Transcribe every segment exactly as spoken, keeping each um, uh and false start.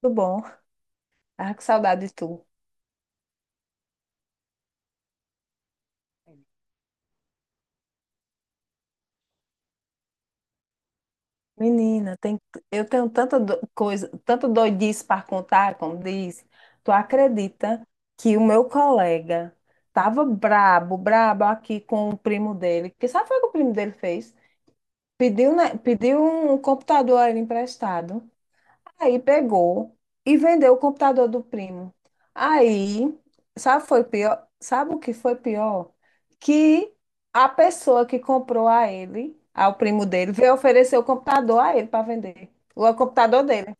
Tudo bom? Ah, que saudade de tu. Menina, tem, eu tenho tanta do- coisa, tanto doidice para contar, como diz. Tu acredita que o meu colega tava brabo, brabo aqui com o primo dele? Que sabe foi o que o primo dele fez? Pediu, né, pediu um computador a ele emprestado. Aí pegou e vendeu o computador do primo. Aí, sabe, foi pior, sabe o que foi pior? Que a pessoa que comprou a ele, ao primo dele, veio oferecer o computador a ele para vender. O computador dele.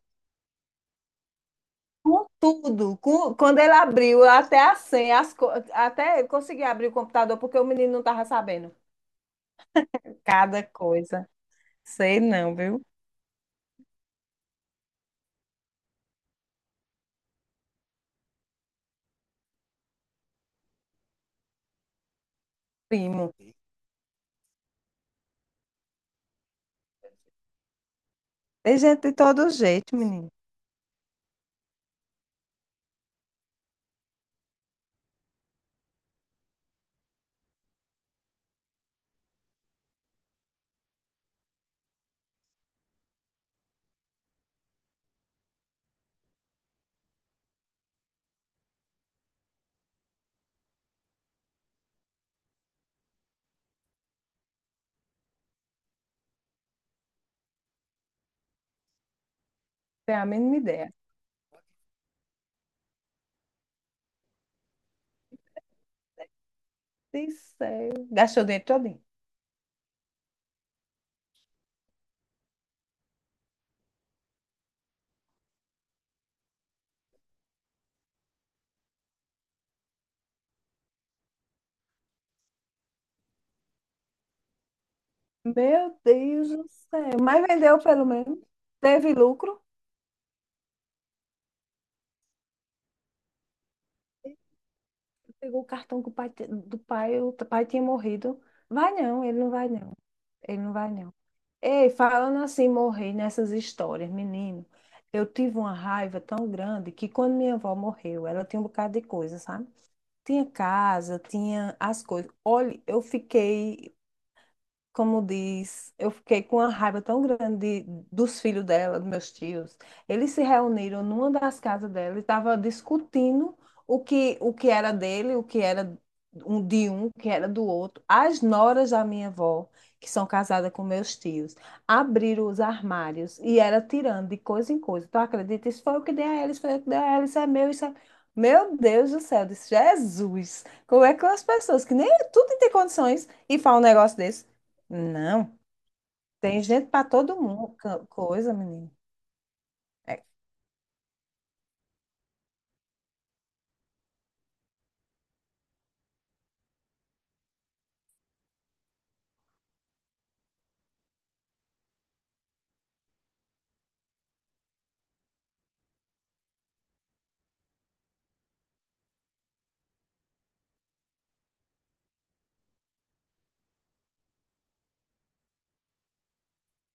Com tudo. Com, quando ele abriu, até a senha, as co- até ele conseguia abrir o computador porque o menino não estava sabendo. Cada coisa. Sei não, viu? Primo. Tem gente de todo jeito, menino. Tem a mínima ideia. Sincero. Gastou o dinheiro todo. Meu Deus do céu. Mas vendeu pelo menos. Teve lucro. Pegou o cartão que o pai, te- do pai, o pai tinha morrido. Vai não, ele não vai não. Ele não vai não. Ei, falando assim, morrer nessas histórias, menino. Eu tive uma raiva tão grande que quando minha avó morreu, ela tinha um bocado de coisa, sabe? Tinha casa, tinha as coisas. Olha, eu fiquei, como diz, eu fiquei com uma raiva tão grande de- dos filhos dela, dos meus tios. Eles se reuniram numa das casas dela e estavam discutindo o que, o que era dele, o que era um de um, o que era do outro. As noras da minha avó, que são casadas com meus tios, abriram os armários e era tirando de coisa em coisa. Tu acredita? Isso foi o que dei a ela, isso foi o que dei a ela, isso é meu, isso é... Meu Deus do céu, eu disse, Jesus, como é que as pessoas que nem tudo tem condições e falam um negócio desse? Não, tem gente para todo mundo, ca- coisa, menino. É,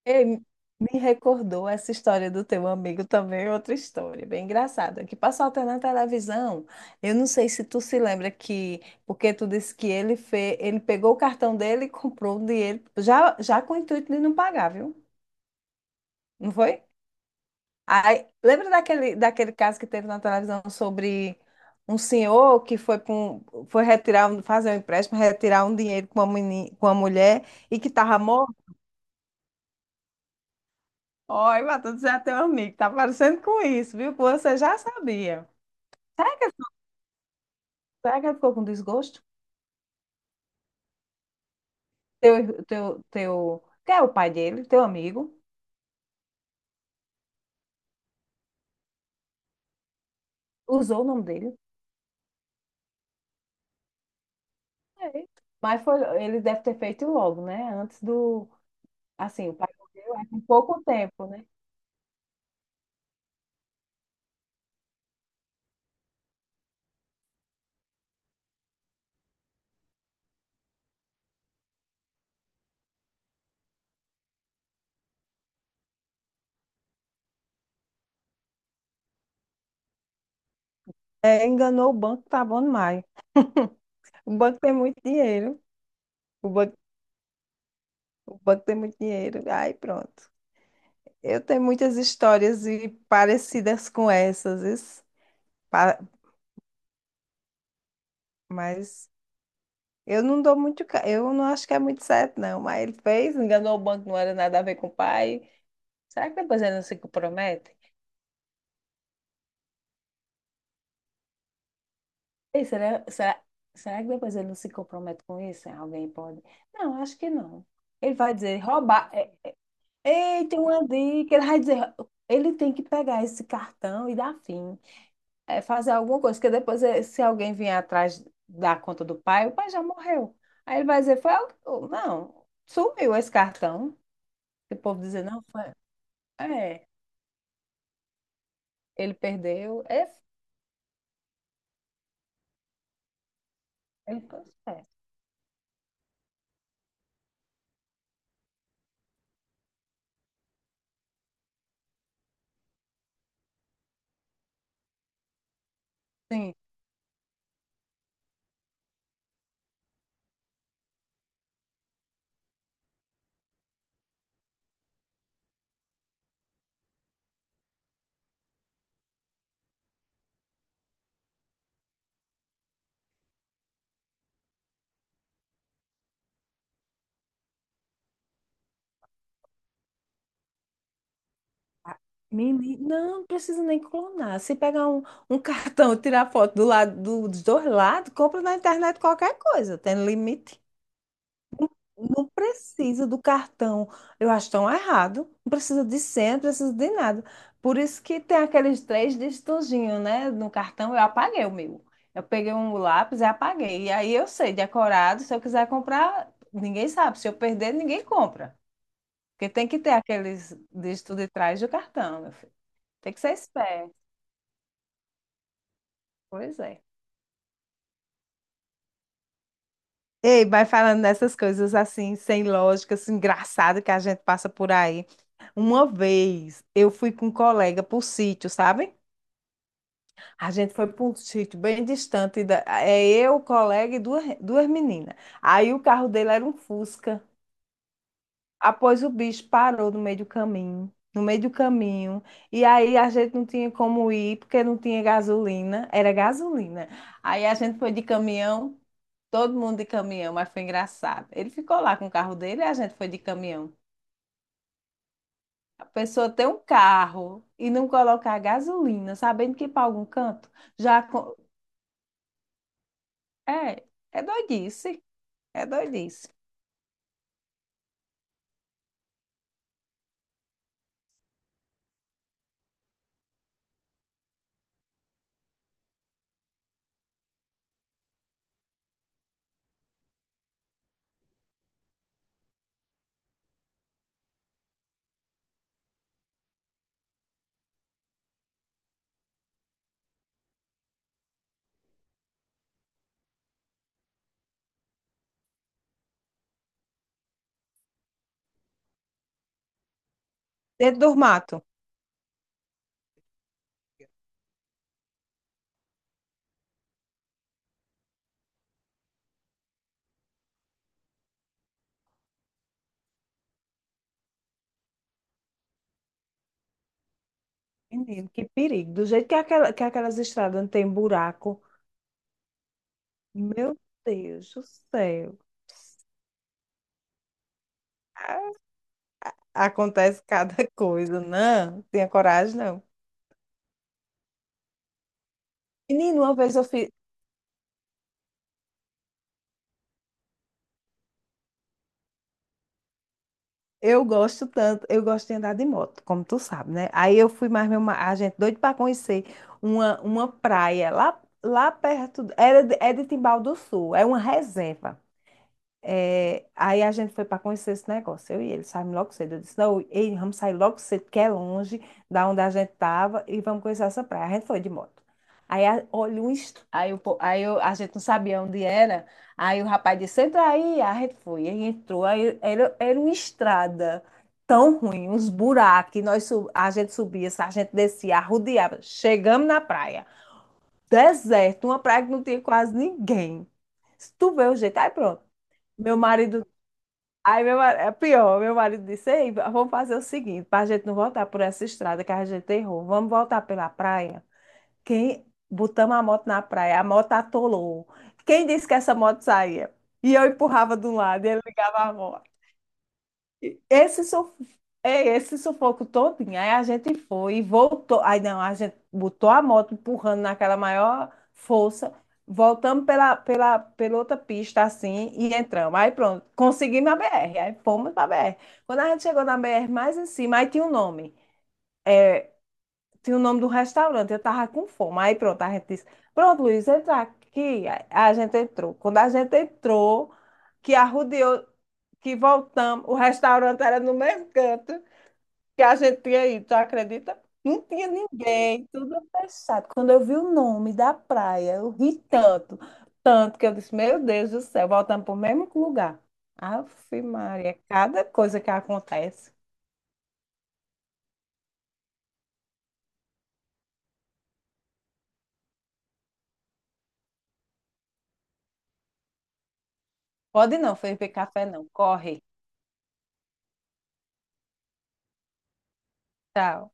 ei, me recordou essa história do teu amigo também, outra história, bem engraçada, que passou até na televisão. Eu não sei se tu se lembra que, porque tu disse que ele fez, ele pegou o cartão dele e comprou o dinheiro, já, já com o intuito de não pagar, viu? Não foi? Aí, lembra daquele, daquele caso que teve na televisão sobre um senhor que foi, pra um- foi retirar, um- fazer um empréstimo, retirar um dinheiro com uma, meni- com uma mulher e que estava morto? Olha, Matheus, já é teu amigo, tá parecendo com isso, viu? Que você já sabia. Será que ele ficou com desgosto? Teu, teu, teu, que é o pai dele, teu amigo, usou o nome dele. É. Mas foi, ele deve ter feito logo, né? Antes do, assim, o pai morreu, é com pouco tempo, né? É, enganou o banco, tá bom demais. O banco tem muito dinheiro. O banco, o banco tem muito dinheiro. Aí pronto. Eu tenho muitas histórias e parecidas com essas, isso. Pa- mas eu não dou muito. ca- Eu não acho que é muito certo, não. Mas ele fez, enganou o banco, não era nada a ver com o pai. Será que depois ele não se compromete? Ei, será, será, será que depois ele não se compromete com isso? Alguém pode? Não, acho que não. Ele vai dizer, roubar. é- Ei, tem uma dica. Ele vai dizer, ele tem que pegar esse cartão e dar fim. É, fazer alguma coisa, porque depois, eh, se alguém vier atrás da conta do pai, o pai já morreu. Aí ele vai dizer, foi algo. Não, sumiu esse cartão. E o povo dizer, não, foi. É, ele perdeu. É, ele foi esperto. Sim. Ah, menino, não precisa nem clonar. Se pegar um, um cartão e tirar foto do lado do- dos dois lados, compra na internet qualquer coisa, tem limite. Não precisa do cartão. Eu acho tão errado. Não precisa de senha, não precisa de nada. Por isso que tem aqueles três dígitozinhos, né? No cartão, eu apaguei o meu. Eu peguei um lápis e apaguei. E aí eu sei, decorado, se eu quiser comprar, ninguém sabe. Se eu perder, ninguém compra. Porque tem que ter aqueles dígitos de trás do cartão, meu filho. Tem que ser esperto. Pois é. Ei, vai falando dessas coisas assim, sem lógica, assim, engraçado que a gente passa por aí. Uma vez eu fui com um colega para o sítio, sabe? A gente foi para um sítio bem distante. Da... É eu, o colega e duas, duas meninas. Aí o carro dele era um Fusca. Após o bicho parou no meio do caminho, no meio do caminho, e aí a gente não tinha como ir porque não tinha gasolina, era gasolina. Aí a gente foi de caminhão, todo mundo de caminhão, mas foi engraçado. Ele ficou lá com o carro dele e a gente foi de caminhão. A pessoa ter um carro e não colocar gasolina, sabendo que ir para algum canto, já co- é, é doidice, é doidice. Dentro do mato. Menino, que perigo. Do jeito que, aquela- que aquelas estradas não tem buraco, Meu Deus do céu. Acontece cada coisa, não. Tenha coragem, não. Menino, uma vez eu fiz. Eu gosto tanto, eu gosto de andar de moto, como tu sabe, né? Aí eu fui mais meu, ma- a gente doido para conhecer uma, uma praia lá, lá perto, era de, é de Timbal do Sul, é uma reserva. É, aí a gente foi para conhecer esse negócio, eu e ele, saímos logo cedo. Eu disse, não, ei, vamos sair logo cedo, que é longe da onde a gente estava, e vamos conhecer essa praia. A gente foi de moto. Aí, a- olha, um est... aí, o po- aí eu- a gente não sabia onde era, aí o rapaz disse, entra aí, a gente foi. Aí entrou, aí era, era uma estrada tão ruim, uns buracos, e nós, sub- a gente subia, a gente descia, arrodeava. Chegamos na praia, deserto, uma praia que não tinha quase ninguém. Se tu vê o jeito, aí pronto. Meu marido Aí meu marido, é pior, meu marido disse, ei, vamos fazer o seguinte, para a gente não voltar por essa estrada que a gente errou, vamos voltar pela praia. Quem botamos a moto na praia, a moto atolou. Quem disse que essa moto saía? E eu empurrava de um lado e ele ligava a moto. Esse, suf... é, esse sufoco todinho. Aí a gente foi e voltou. Aí não, a gente botou a moto empurrando naquela maior força. Voltamos pela, pela, pela outra pista assim e entramos. Aí pronto, conseguimos a B R. Aí fomos para a B R. Quando a gente chegou na B R mais em cima, aí tinha o nome. Tinha o nome do restaurante. Eu tava com fome. Aí pronto, a gente disse: Pronto, Luiz, entra aqui. Aí a gente entrou. Quando a gente entrou, que arrodeou, que voltamos, o restaurante era no mesmo canto que a gente tinha ido, tu acredita? Não tinha ninguém, tudo fechado. Quando eu vi o nome da praia, eu ri tanto, tanto que eu disse, meu Deus do céu, voltamos para o mesmo lugar. Ave Maria, cada coisa que acontece. Pode não, Felipe Café não, corre, tchau.